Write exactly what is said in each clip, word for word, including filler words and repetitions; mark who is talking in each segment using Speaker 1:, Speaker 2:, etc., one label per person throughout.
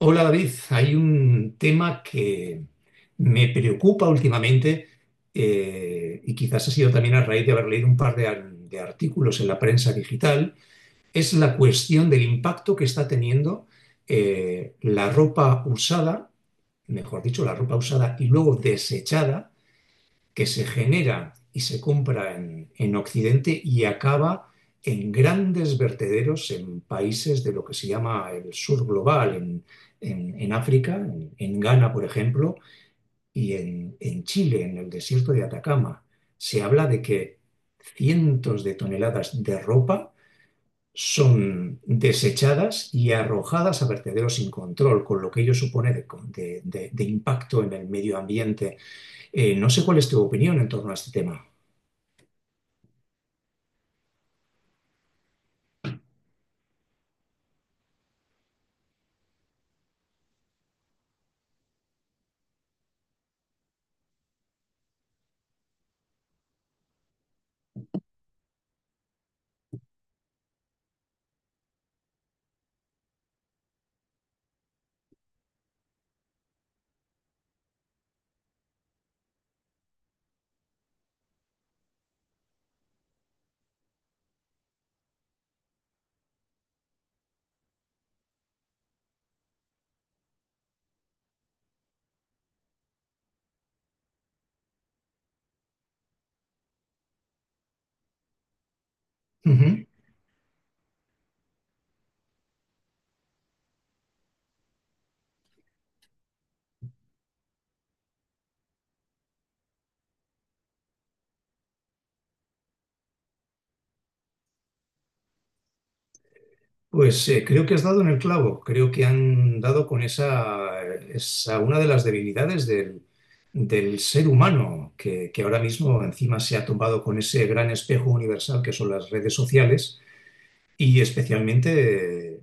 Speaker 1: Hola David, hay un tema que me preocupa últimamente, eh, y quizás ha sido también a raíz de haber leído un par de, ar- de artículos en la prensa digital. Es la cuestión del impacto que está teniendo eh, la ropa usada. Mejor dicho, la ropa usada y luego desechada que se genera y se compra en en Occidente y acaba en grandes vertederos en países de lo que se llama el sur global, en en, en África, en, en, Ghana, por ejemplo, y en en Chile, en el desierto de Atacama. Se habla de que cientos de toneladas de ropa son desechadas y arrojadas a vertederos sin control, con lo que ello supone de, de, de de impacto en el medio ambiente. Eh, no sé cuál es tu opinión en torno a este tema. Ujú. Pues, eh, creo que has dado en el clavo, creo que han dado con esa, esa una de las debilidades del, del ser humano, que, que ahora mismo encima se ha tomado con ese gran espejo universal que son las redes sociales, y especialmente, eh,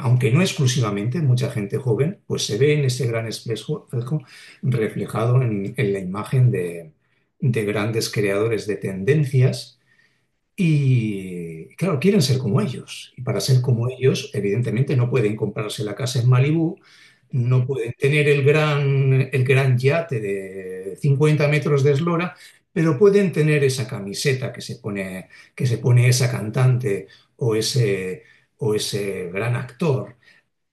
Speaker 1: aunque no exclusivamente, mucha gente joven pues se ve en ese gran espejo espejo reflejado en en la imagen de de grandes creadores de tendencias. Y claro, quieren ser como ellos. Y para ser como ellos, evidentemente no pueden comprarse la casa en Malibú, no pueden tener el gran, el gran yate de cincuenta metros de eslora, pero pueden tener esa camiseta que se pone, que se pone esa cantante o ese, o ese gran actor.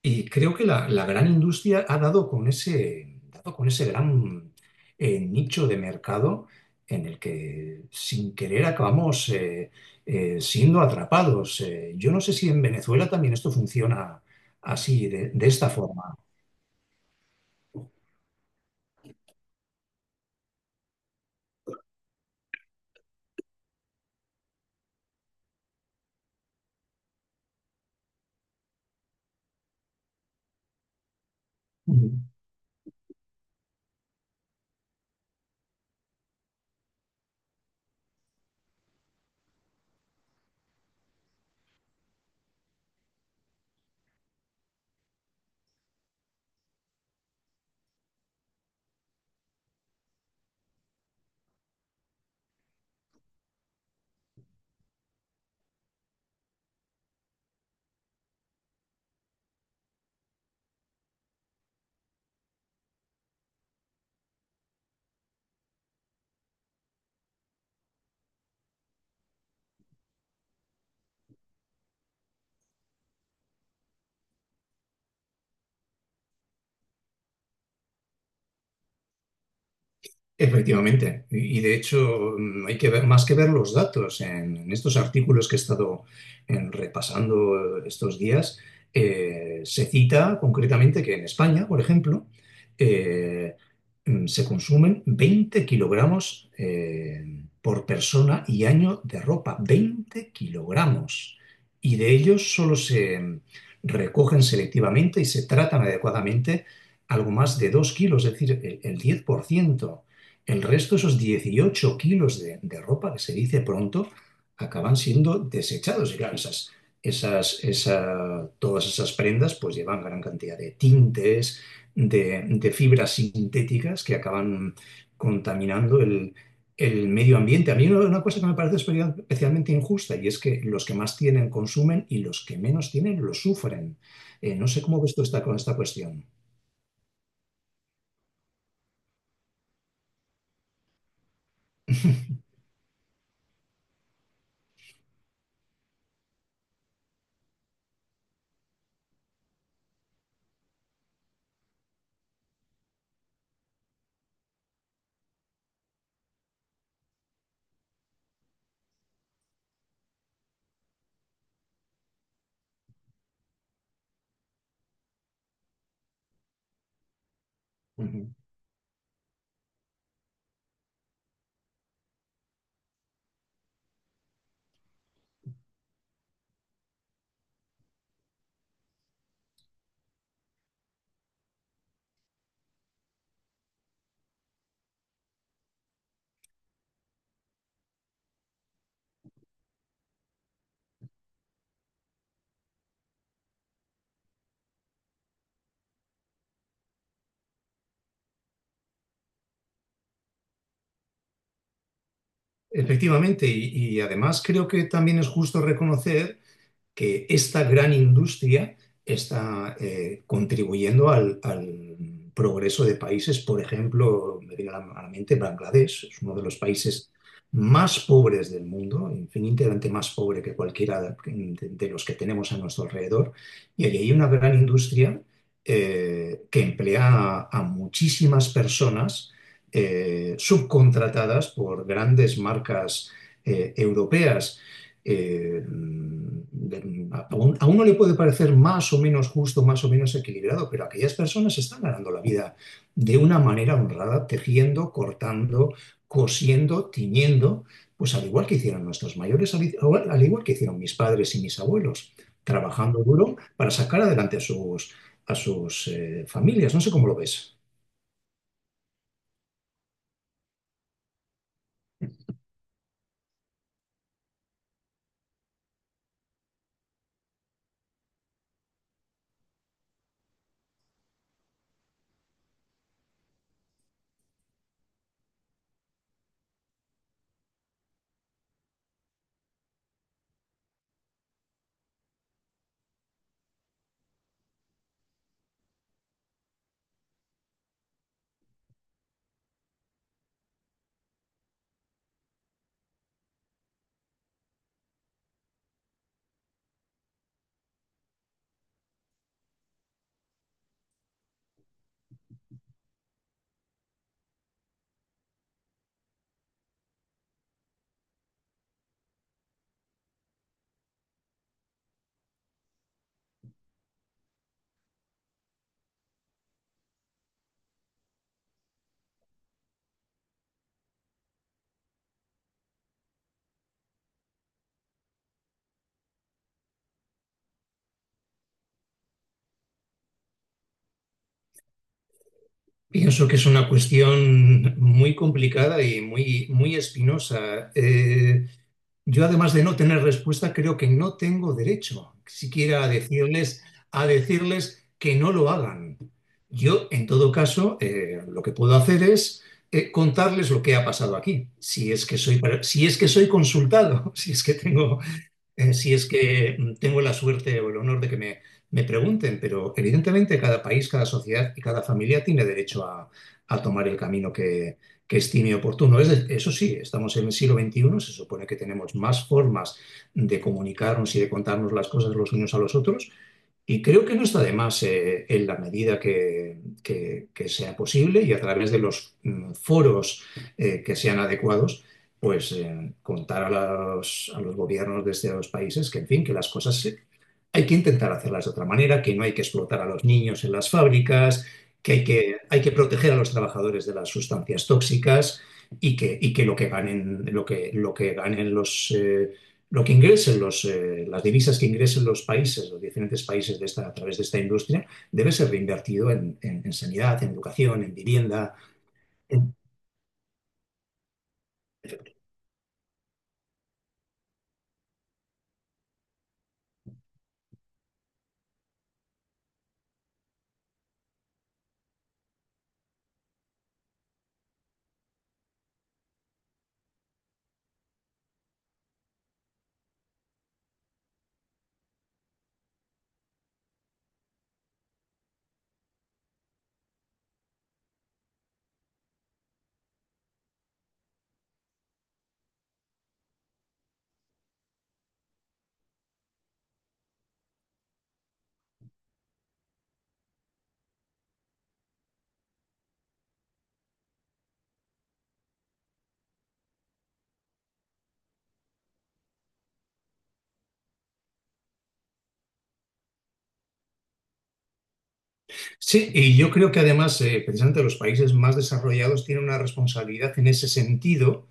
Speaker 1: Y creo que la, la gran industria ha dado con ese, dado con ese gran, eh, nicho de mercado en el que sin querer acabamos, eh, eh, siendo atrapados. Eh, yo no sé si en Venezuela también esto funciona así, de, de esta forma. Efectivamente, y y de hecho, mm, hay que ver, más que ver los datos en en estos artículos que he estado, en, repasando, eh, estos días. Eh, se cita concretamente que en España, por ejemplo, eh, mm, se consumen veinte kilogramos eh, por persona y año de ropa. Veinte kilogramos, y de ellos solo se, mm, recogen selectivamente y se tratan adecuadamente algo más de dos kilos, es decir, el, el diez por ciento. El resto, esos dieciocho kilos de, de ropa, que se dice pronto, acaban siendo desechados. Y claro, esas, esas, esa- todas esas prendas pues llevan gran cantidad de tintes, de, de fibras sintéticas que acaban contaminando el, el medio ambiente. A mí una, una cosa que me parece espe- especialmente injusta y es que los que más tienen consumen y los que menos tienen lo sufren. Eh, no sé cómo ves tú esta, con esta cuestión. Efectivamente, y, y además creo que también es justo reconocer que esta gran industria está, eh, contribuyendo al, al, progreso de países. Por ejemplo, me viene a la mente Bangladesh, es uno de los países más pobres del mundo, infinitamente más pobre que cualquiera de, de los que tenemos a nuestro alrededor, y allí hay una gran industria eh, que emplea a, a muchísimas personas, eh, subcontratadas por grandes marcas eh, europeas. Eh, de- a, un- a uno le puede parecer más o menos justo, más o menos equilibrado, pero aquellas personas están ganando la vida de una manera honrada, tejiendo, cortando, cosiendo, tiñendo, pues al igual que hicieron nuestros mayores, al, igual al igual que hicieron mis padres y mis abuelos, trabajando duro para sacar adelante a sus, a sus eh, familias. No sé cómo lo ves. Pienso que es una cuestión muy complicada y muy, muy espinosa. Eh, Yo, además de no tener respuesta, creo que no tengo derecho siquiera a decirles, a decirles que no lo hagan. Yo, en todo caso, eh, lo que puedo hacer es, eh, contarles lo que ha pasado aquí, si es que soy, si es que soy consultado, si es que tengo eh, si es que, mm, tengo la suerte o el honor de que me, me pregunten. Pero evidentemente cada país, cada sociedad y cada familia tiene derecho a, a tomar el camino que, que estime oportuno. Es de- eso sí, estamos en el siglo veintiuno, se supone que tenemos más formas de comunicarnos y de contarnos las cosas los unos a los otros, y creo que no está de más, eh, en la medida que, que- que sea posible y a través de los, mm, foros eh, que sean adecuados, pues, eh, contar a los, a los gobiernos de estos países que, en fin, que las cosas se- hay que intentar hacerlas de otra manera, que no hay que explotar a los niños en las fábricas, que hay que, hay que proteger a los trabajadores de las sustancias tóxicas, y que, y que lo que ganen, lo que, lo que ganen los, eh, lo que ingresen los, eh, las divisas que ingresen los países, los diferentes países de esta, a través de esta industria, debe ser reinvertido en, en, en sanidad, en educación, en vivienda. Sí, y yo creo que además, eh, precisamente los países más desarrollados tienen una responsabilidad en ese sentido,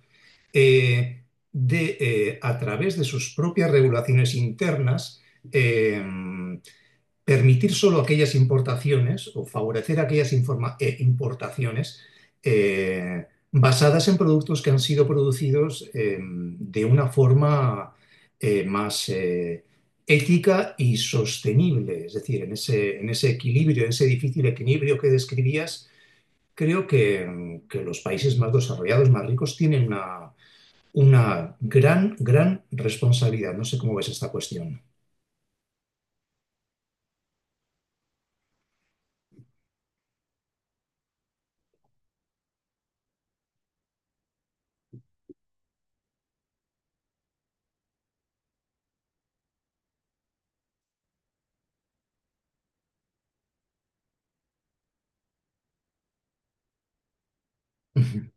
Speaker 1: eh, de, eh, a través de sus propias regulaciones internas, eh, permitir solo aquellas importaciones o favorecer aquellas informa- eh, importaciones, eh, basadas en productos que han sido producidos, eh, de una forma, eh, más eh, ética y sostenible. Es decir, en ese, en ese equilibrio, en ese difícil equilibrio que describías, creo que, em, que los países más desarrollados, más ricos, tienen una, una gran, gran responsabilidad. No sé cómo ves esta cuestión.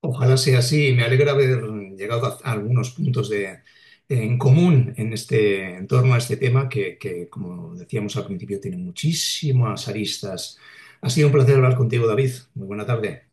Speaker 1: Ojalá sea así. Me alegra haber llegado a a algunos puntos de, en común en este, en torno a este tema que, que, como decíamos al principio, tiene muchísimas aristas. Ha sido un placer hablar contigo, David. Muy buena tarde.